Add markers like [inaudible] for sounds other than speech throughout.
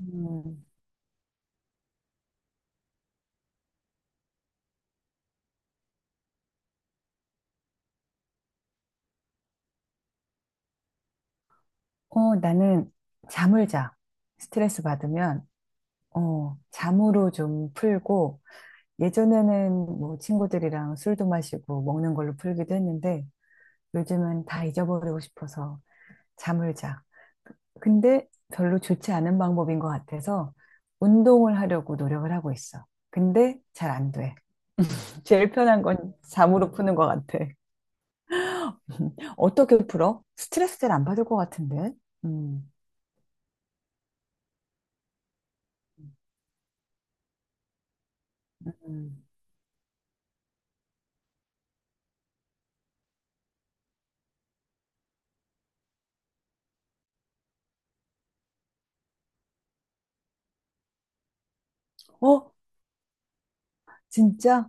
음, 나는 잠을 자. 스트레스 받으면, 잠으로 좀 풀고, 예전에는 뭐 친구들이랑 술도 마시고 먹는 걸로 풀기도 했는데, 요즘은 다 잊어버리고 싶어서 잠을 자. 근데 별로 좋지 않은 방법인 것 같아서 운동을 하려고 노력을 하고 있어. 근데 잘 안 돼. 제일 편한 건 잠으로 푸는 것 같아. [laughs] 어떻게 풀어? 스트레스를 안 받을 것 같은데. 음. 음. 어? 진짜?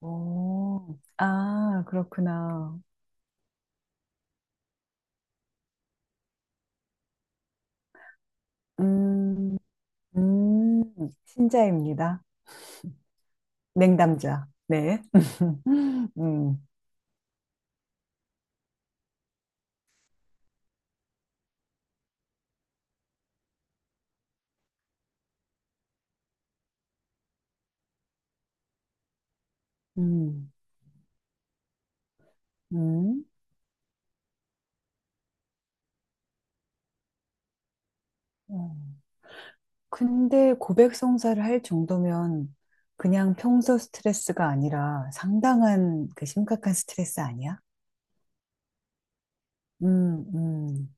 어, 아, 그렇구나. 음. 음. 신자입니다. 냉담자. 네. [laughs] 음. 음. 음. 어, 근데 고백 성사를 할 정도면 그냥 평소 스트레스가 아니라 상당한 그 심각한 스트레스 아니야? 음. 음.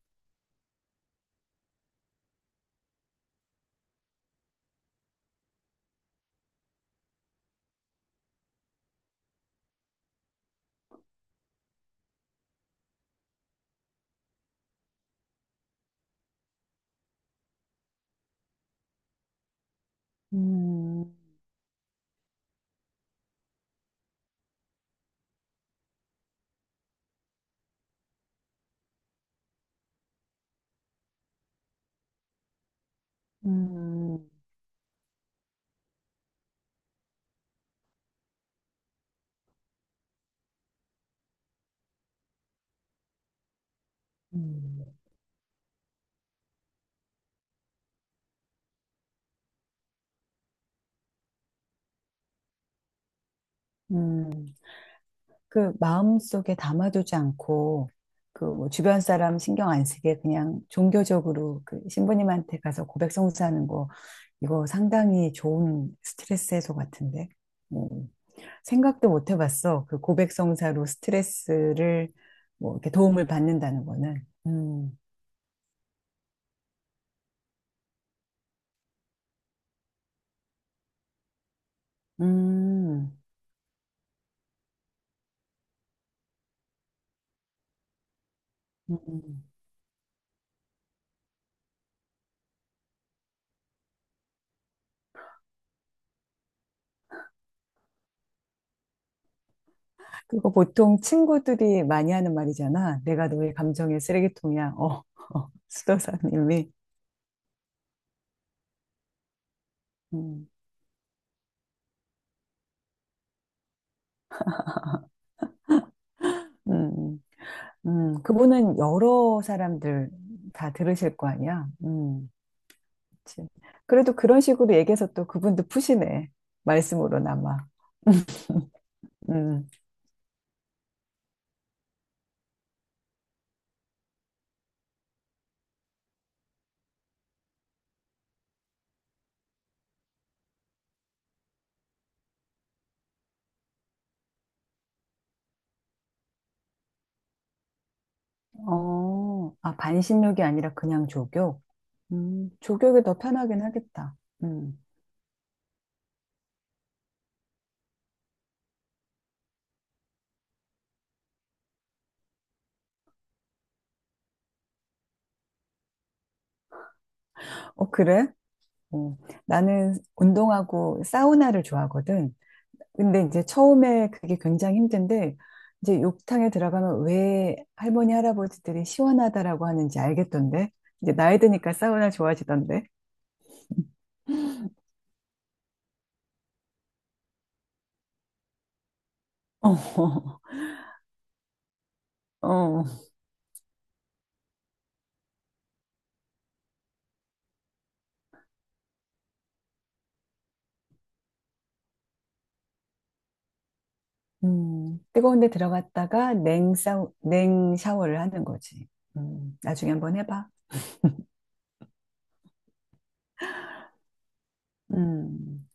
음. 음. 음. 음. 그 마음속에 담아두지 않고 그 뭐 주변 사람 신경 안 쓰게 그냥 종교적으로 그 신부님한테 가서 고백 성사하는 거, 이거 상당히 좋은 스트레스 해소 같은데. 음. 생각도 못 해봤어, 그 고백 성사로 스트레스를 뭐 이렇게 도움을 받는다는 거는. 음, 음. 그거 보통 친구들이 많이 하는 말이잖아. 내가 너의 감정의 쓰레기통이야. 어, [laughs] 어, 수도사님이. 음. 음. 그분은 여러 사람들 다 들으실 거 아니야. 음. 그치. 그래도 그런 식으로 얘기해서 또 그분도 푸시네. 말씀으로나마. 음. 어, 아, 반신욕이 아니라 그냥 조교? 조교가 더 편하긴 하겠다. 음. 어, 그래? 어, 나는 운동하고 사우나를 좋아하거든. 근데 이제 처음에 그게 굉장히 힘든데 이제 욕탕에 들어가면 왜 할머니 할아버지들이 시원하다라고 하는지 알겠던데, 이제 나이 드니까 사우나 좋아지던데. [laughs] 어, 어. 뜨거운 데 들어갔다가 냉 샤워를 하는 거지. 나중에 한번 해봐. 음.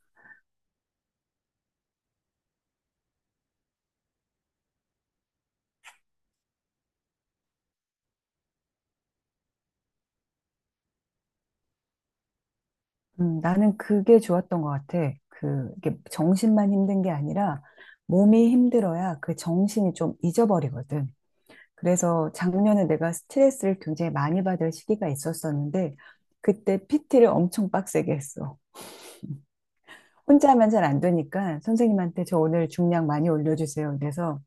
나는 그게 좋았던 것 같아. 그, 이게 정신만 힘든 게 아니라 몸이 힘들어야 그 정신이 좀 잊어버리거든. 그래서 작년에 내가 스트레스를 굉장히 많이 받을 시기가 있었었는데 그때 PT를 엄청 빡세게 했어. 혼자 하면 잘 안 되니까 선생님한테 저 오늘 중량 많이 올려주세요. 그래서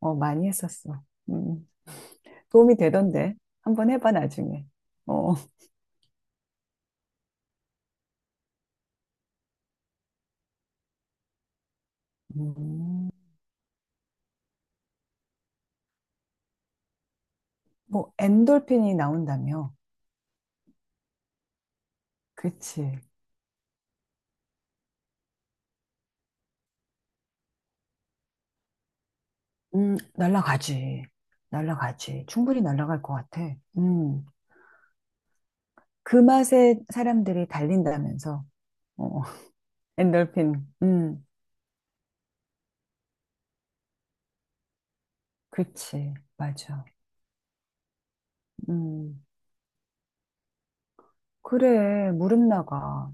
어, 많이 했었어. 음. 도움이 되던데. 한번 해봐 나중에. 어. 음, 뭐 엔돌핀이 나온다며. 그치. 음. 날라가지. 날라가지. 충분히 날라갈 것 같아. 음. 그 맛에 사람들이 달린다면서. 어, [laughs] 엔돌핀. 음. 그치, 맞아. 음. 그래, 무릎 나가.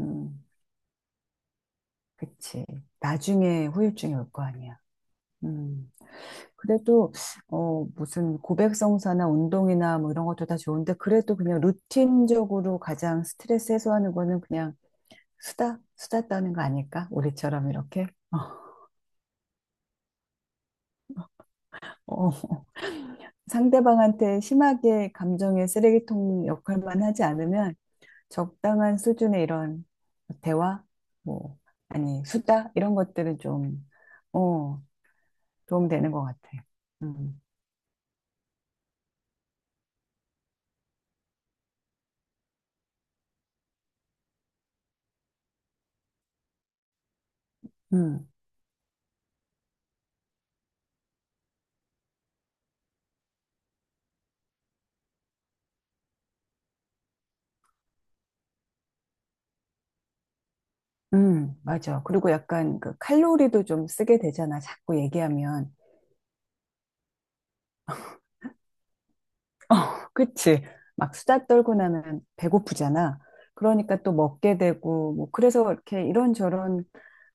음. 그치. 나중에 후유증이 올 거 아니야. 음. 그래도, 어, 무슨 고백성사나 운동이나 뭐 이런 것도 다 좋은데, 그래도 그냥 루틴적으로 가장 스트레스 해소하는 거는 그냥 수다, 수다 떠는 거 아닐까? 우리처럼 이렇게. [laughs] 어, 어. 상대방한테 심하게 감정의 쓰레기통 역할만 하지 않으면 적당한 수준의 이런 대화, 뭐, 아니, 수다, 이런 것들은 좀, 어, 도움되는 것 같아. 음. 음. 맞아. 그리고 약간 그 칼로리도 좀 쓰게 되잖아. 자꾸 얘기하면. [laughs] 어, 그치. 막 수다 떨고 나면 배고프잖아. 그러니까 또 먹게 되고, 뭐, 그래서 이렇게 이런저런,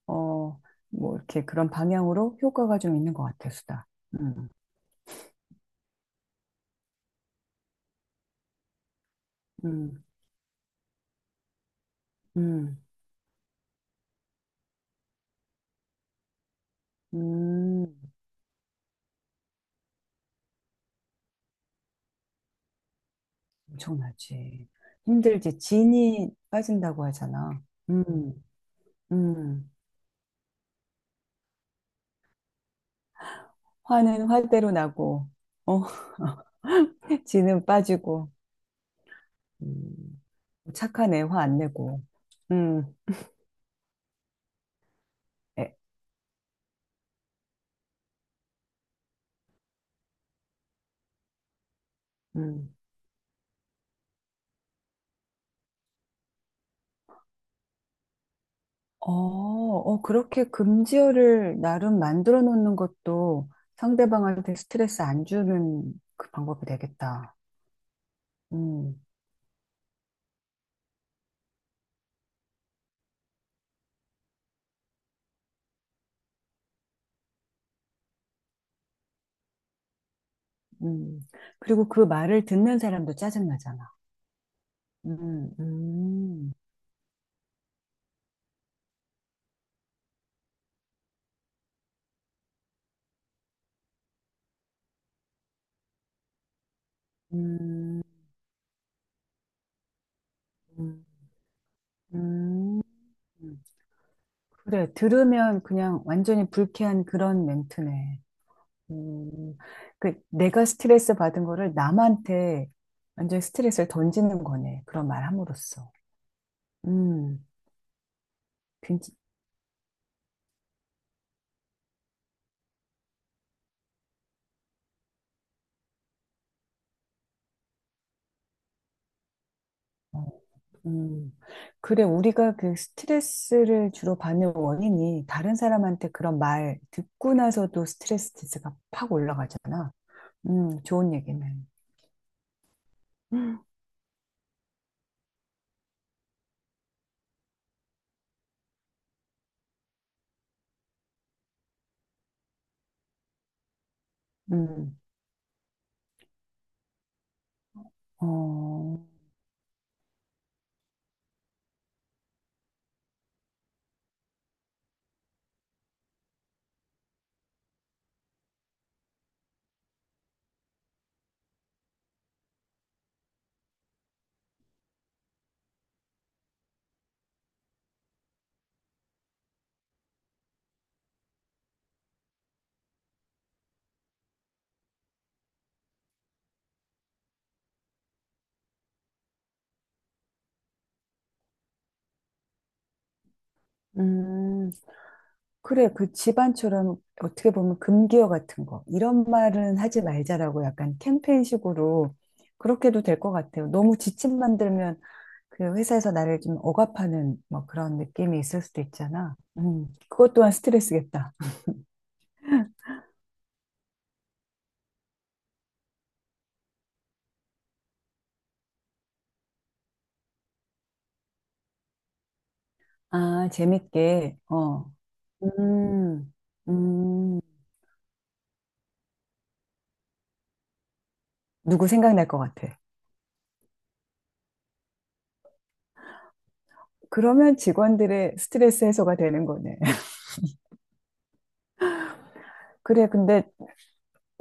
어, 뭐, 이렇게 그런 방향으로 효과가 좀 있는 것 같아, 수다. 음. 음. 음. 음. 엄청나지. 힘들지. 진이 빠진다고 하잖아. 음. 음. 화는 화대로 나고, 어, [laughs] 진은 빠지고, 음. 착하네, 화 안 내고. 음. 에. 음. 어, 어, 그렇게 금지어를 나름 만들어 놓는 것도 상대방한테 스트레스 안 주는 그 방법이 되겠다. 음. 음. 그리고 그 말을 듣는 사람도 짜증나잖아. 음. 음. 음. 음. 음, 그래. 들으면 그냥 완전히 불쾌한 그런 멘트네. 음. 그 내가 스트레스 받은 거를 남한테 완전히 스트레스를 던지는 거네. 그런 말 함으로써. 음. 괜찮, 어. 음. 그래. 우리가 그 스트레스를 주로 받는 원인이 다른 사람한테 그런 말 듣고 나서도 스트레스가 팍 올라가잖아. 좋은 얘기네. 음. 어. 음. 그래, 그 집안처럼 어떻게 보면 금기어 같은 거. 이런 말은 하지 말자라고 약간 캠페인식으로 그렇게 도 될 것 같아요. 너무 지침 만들면 그 회사에서 나를 좀 억압하는 뭐 그런 느낌이 있을 수도 있잖아. 그것 또한 스트레스겠다. 아, 재밌게. 어. 음. 음. 누구 생각날 것 같아. 그러면 직원들의 스트레스 해소가 되는 거네. [laughs] 그래, 근데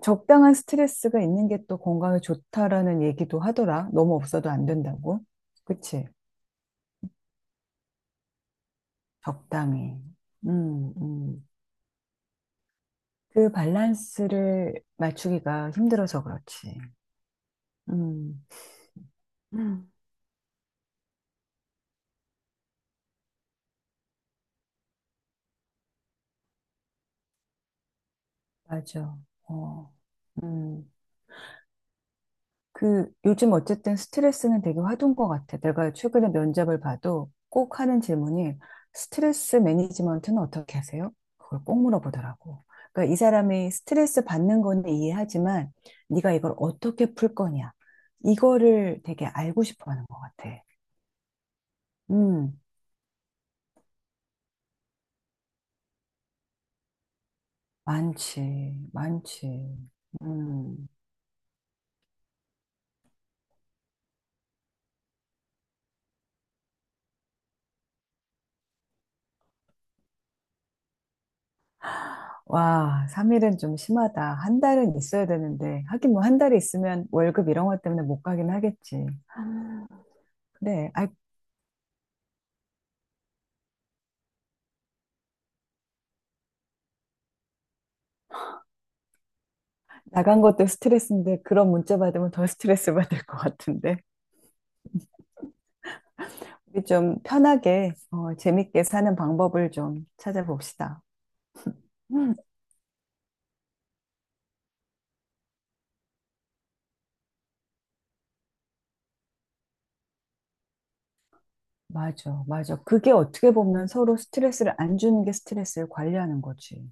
적당한 스트레스가 있는 게 또 건강에 좋다라는 얘기도 하더라. 너무 없어도 안 된다고. 그치? 적당히. 음. 음. 그 밸런스를 맞추기가 힘들어서 그렇지. 음. 음, 맞아. 어. 음. 그 요즘 어쨌든 스트레스는 되게 화두인 것 같아. 내가 최근에 면접을 봐도 꼭 하는 질문이 스트레스 매니지먼트는 어떻게 하세요? 그걸 꼭 물어보더라고. 그러니까 이 사람이 스트레스 받는 건 이해하지만 네가 이걸 어떻게 풀 거냐. 이거를 되게 알고 싶어 하는 것 같아. 음. 많지, 많지. 음. 와, 3일은 좀 심하다. 한 달은 있어야 되는데. 하긴 뭐 한 달이 있으면 월급 이런 것 때문에 못 가긴 하겠지. 그래. 아, 나간 것도 스트레스인데 그런 문자 받으면 더 스트레스 받을 것 같은데. 우리 좀 편하게 어, 재밌게 사는 방법을 좀 찾아봅시다. 음, 맞아, 맞아. 그게 어떻게 보면 서로 스트레스를 안 주는 게 스트레스를 관리하는 거지.